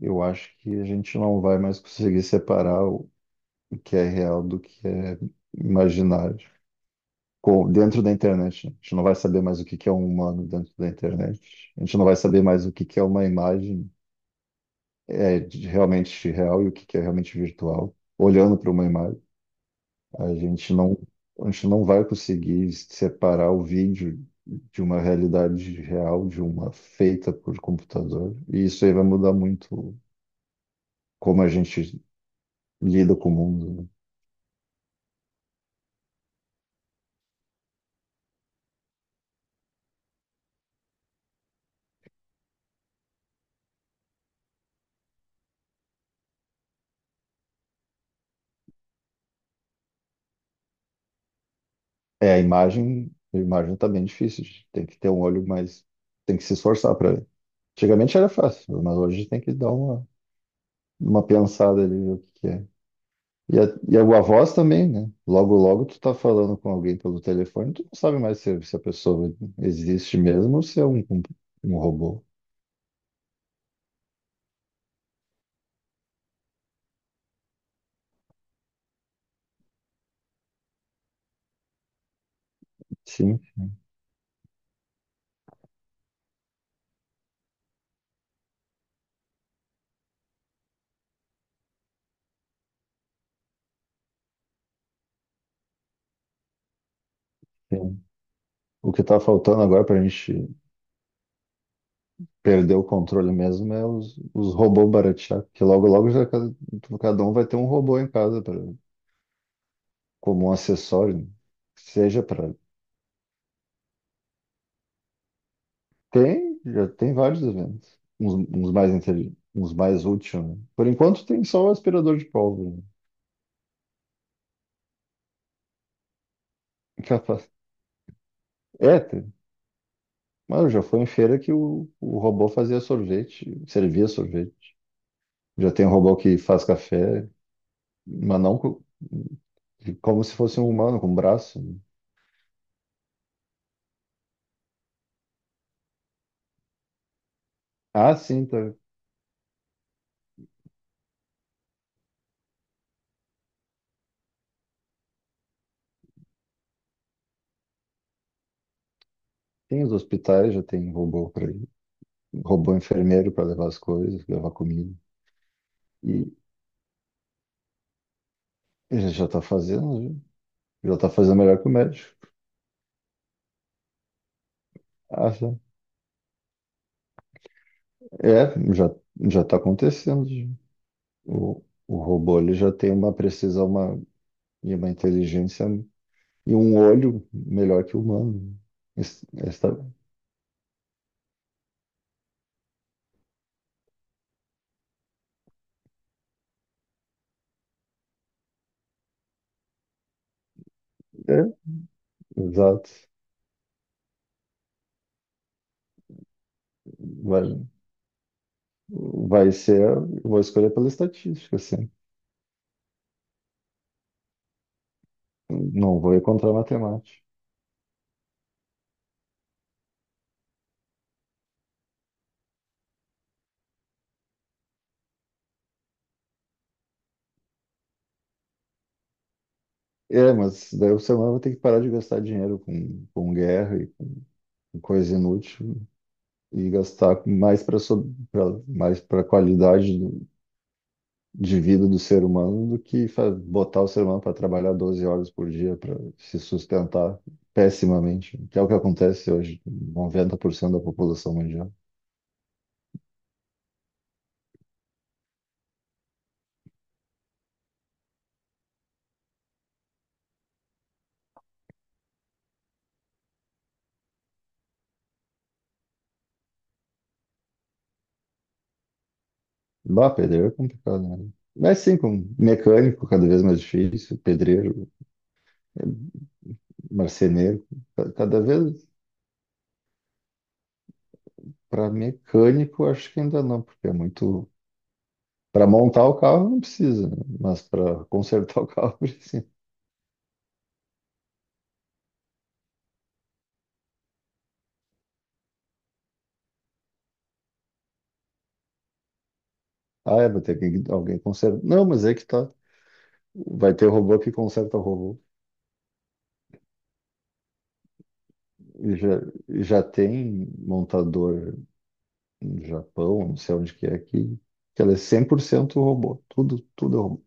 Eu acho que a gente não vai mais conseguir separar o que é real do que é imaginário. Dentro da internet, né? A gente não vai saber mais o que que é um humano dentro da internet. A gente não vai saber mais o que que é uma imagem realmente real e o que que é realmente virtual. Olhando para uma imagem, a gente não, a gente não vai conseguir separar o vídeo de uma realidade real, de uma feita por computador. E isso aí vai mudar muito como a gente lida com o mundo, né? É, a imagem tá bem difícil, gente. Tem que ter um olho mais. Tem que se esforçar para ver. Antigamente era fácil, mas hoje tem que dar uma pensada ali, ver o que que é. E a, e a voz também, né? Logo, logo tu tá falando com alguém pelo telefone, tu não sabe mais se a pessoa existe mesmo ou se é um robô. Sim, sim. O que tá faltando agora pra gente perder o controle mesmo é os robôs baratear, porque logo, logo já cada um vai ter um robô em casa como um acessório, seja para. Tem, já tem vários eventos. Uns mais intelig... uns mais úteis, né? Por enquanto tem só o aspirador de pólvora, né? Capaz. É, tem. Mano, já foi em feira que o robô fazia sorvete, servia sorvete. Já tem um robô que faz café, mas como se fosse um humano, com um braço, né? Ah, sim, tá. Tem os hospitais, já tem robô para ir. Robô enfermeiro para levar as coisas, levar comida. E ele já está fazendo, né? Ele está a fazer melhor que o médico. Ah, sim. Já já está acontecendo. O robô ele já tem uma precisão, e uma inteligência e um olho melhor que o humano. Esta, é, exato. Vai, vai ser, eu vou escolher pela estatística, assim. Não vou ir contra a matemática. É, mas daí o ser humano vai ter que parar de gastar dinheiro com guerra e com coisa inútil e gastar mais para mais para qualidade de vida do ser humano do que botar o ser humano para trabalhar 12 horas por dia para se sustentar pessimamente, que é o que acontece hoje, com 90% da população mundial. Bah, pedreiro é complicado, né? Mas sim, com mecânico cada vez mais difícil, pedreiro, marceneiro, cada vez para mecânico acho que ainda não, porque é muito para montar o carro não precisa, né? Mas para consertar o carro precisa. Ah, é, vai ter que alguém consertar. Não, mas é que tá. Vai ter robô que conserta robô. E já, e já tem montador no Japão, não sei onde que é, que ela é 100% robô. Tudo, tudo é robô.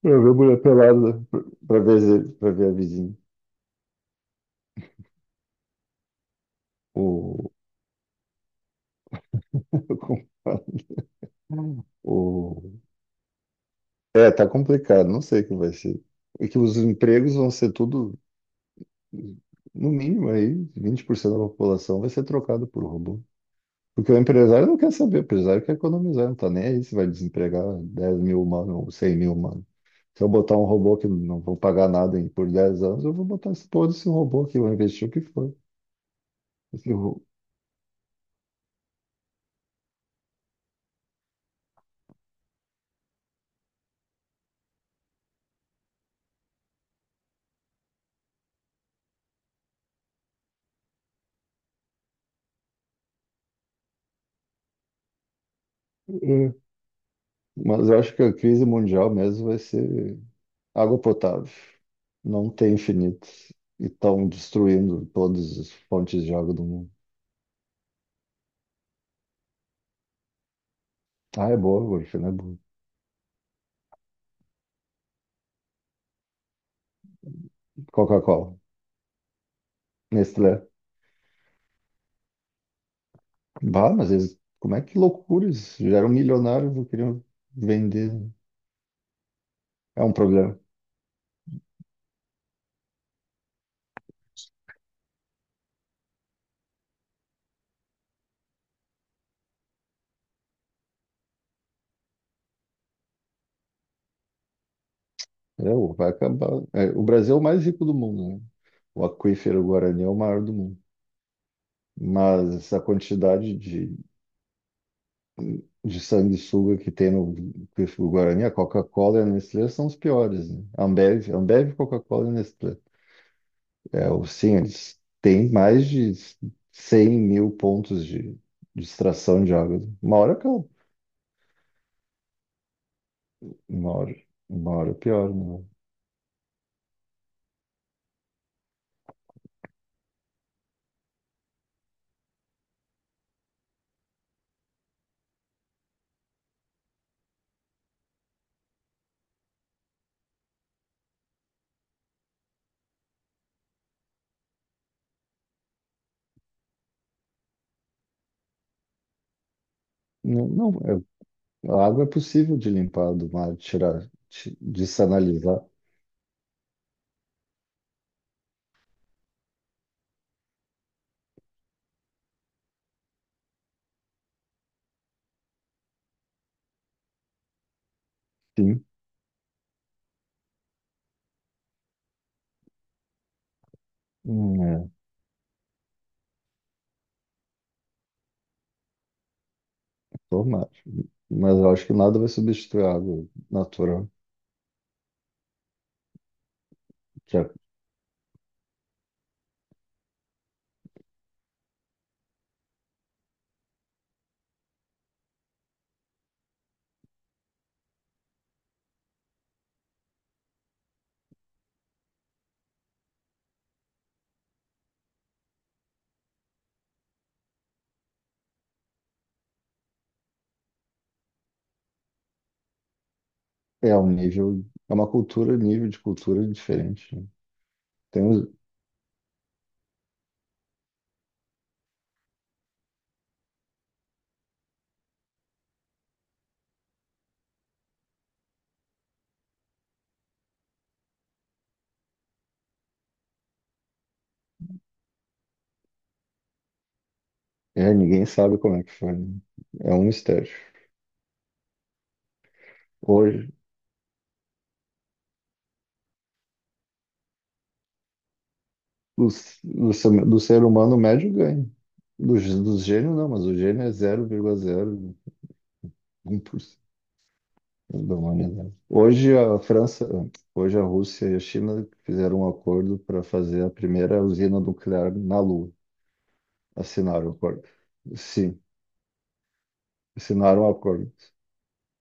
Pra ver mulher pelada, pra ver a vizinha. O, o, é, tá complicado, não sei o que vai ser. E que os empregos vão ser tudo, no mínimo aí, 20% da população vai ser trocado por robô. Porque o empresário não quer saber, o empresário quer economizar, não tá nem aí se vai desempregar 10 mil humanos ou 100 mil humanos. Se eu botar um robô que não vou pagar nada por 10 anos, eu vou botar esse todo esse robô aqui, vou investir o que for. Esse ro- É. Mas eu acho que a crise mundial mesmo vai ser água potável. Não tem infinito. E estão destruindo todas as fontes de água do mundo. Ah, é boa, Wolf, né? Boa. Coca-Cola. Nestlé. Bah, mas eles, como é que loucura eles já eram milionários, não queriam vender. É um problema. Vai acabar. É, o Brasil é o mais rico do mundo, né? O aquífero Guarani é o maior do mundo. Mas essa quantidade de sanguessuga que tem no aquífero Guarani, a Coca-Cola e a Nestlé são os piores, né? Ambev, Ambev, Coca-Cola e Nestlé. Sim, eles têm mais de 100 mil pontos de extração de água. Uma hora acaba. Uma hora, uma hora pior, né? Não, não, é- a água é possível de limpar do mar, de tirar, de sanalizar, sim, é, normal. Mas eu acho que nada vai substituir a água natural, que é, é um nível, é uma cultura, nível de cultura diferente, né? Tem, uns- é, ninguém sabe como é que foi, né? É um mistério. Hoje, do, ser do ser humano médio ganha. Dos gênios não, mas o gênio é um 0,01% da humanidade. Hoje a França, hoje a Rússia e a China fizeram um acordo para fazer a primeira usina nuclear na Lua. Assinaram o acordo. Sim, assinaram o acordo.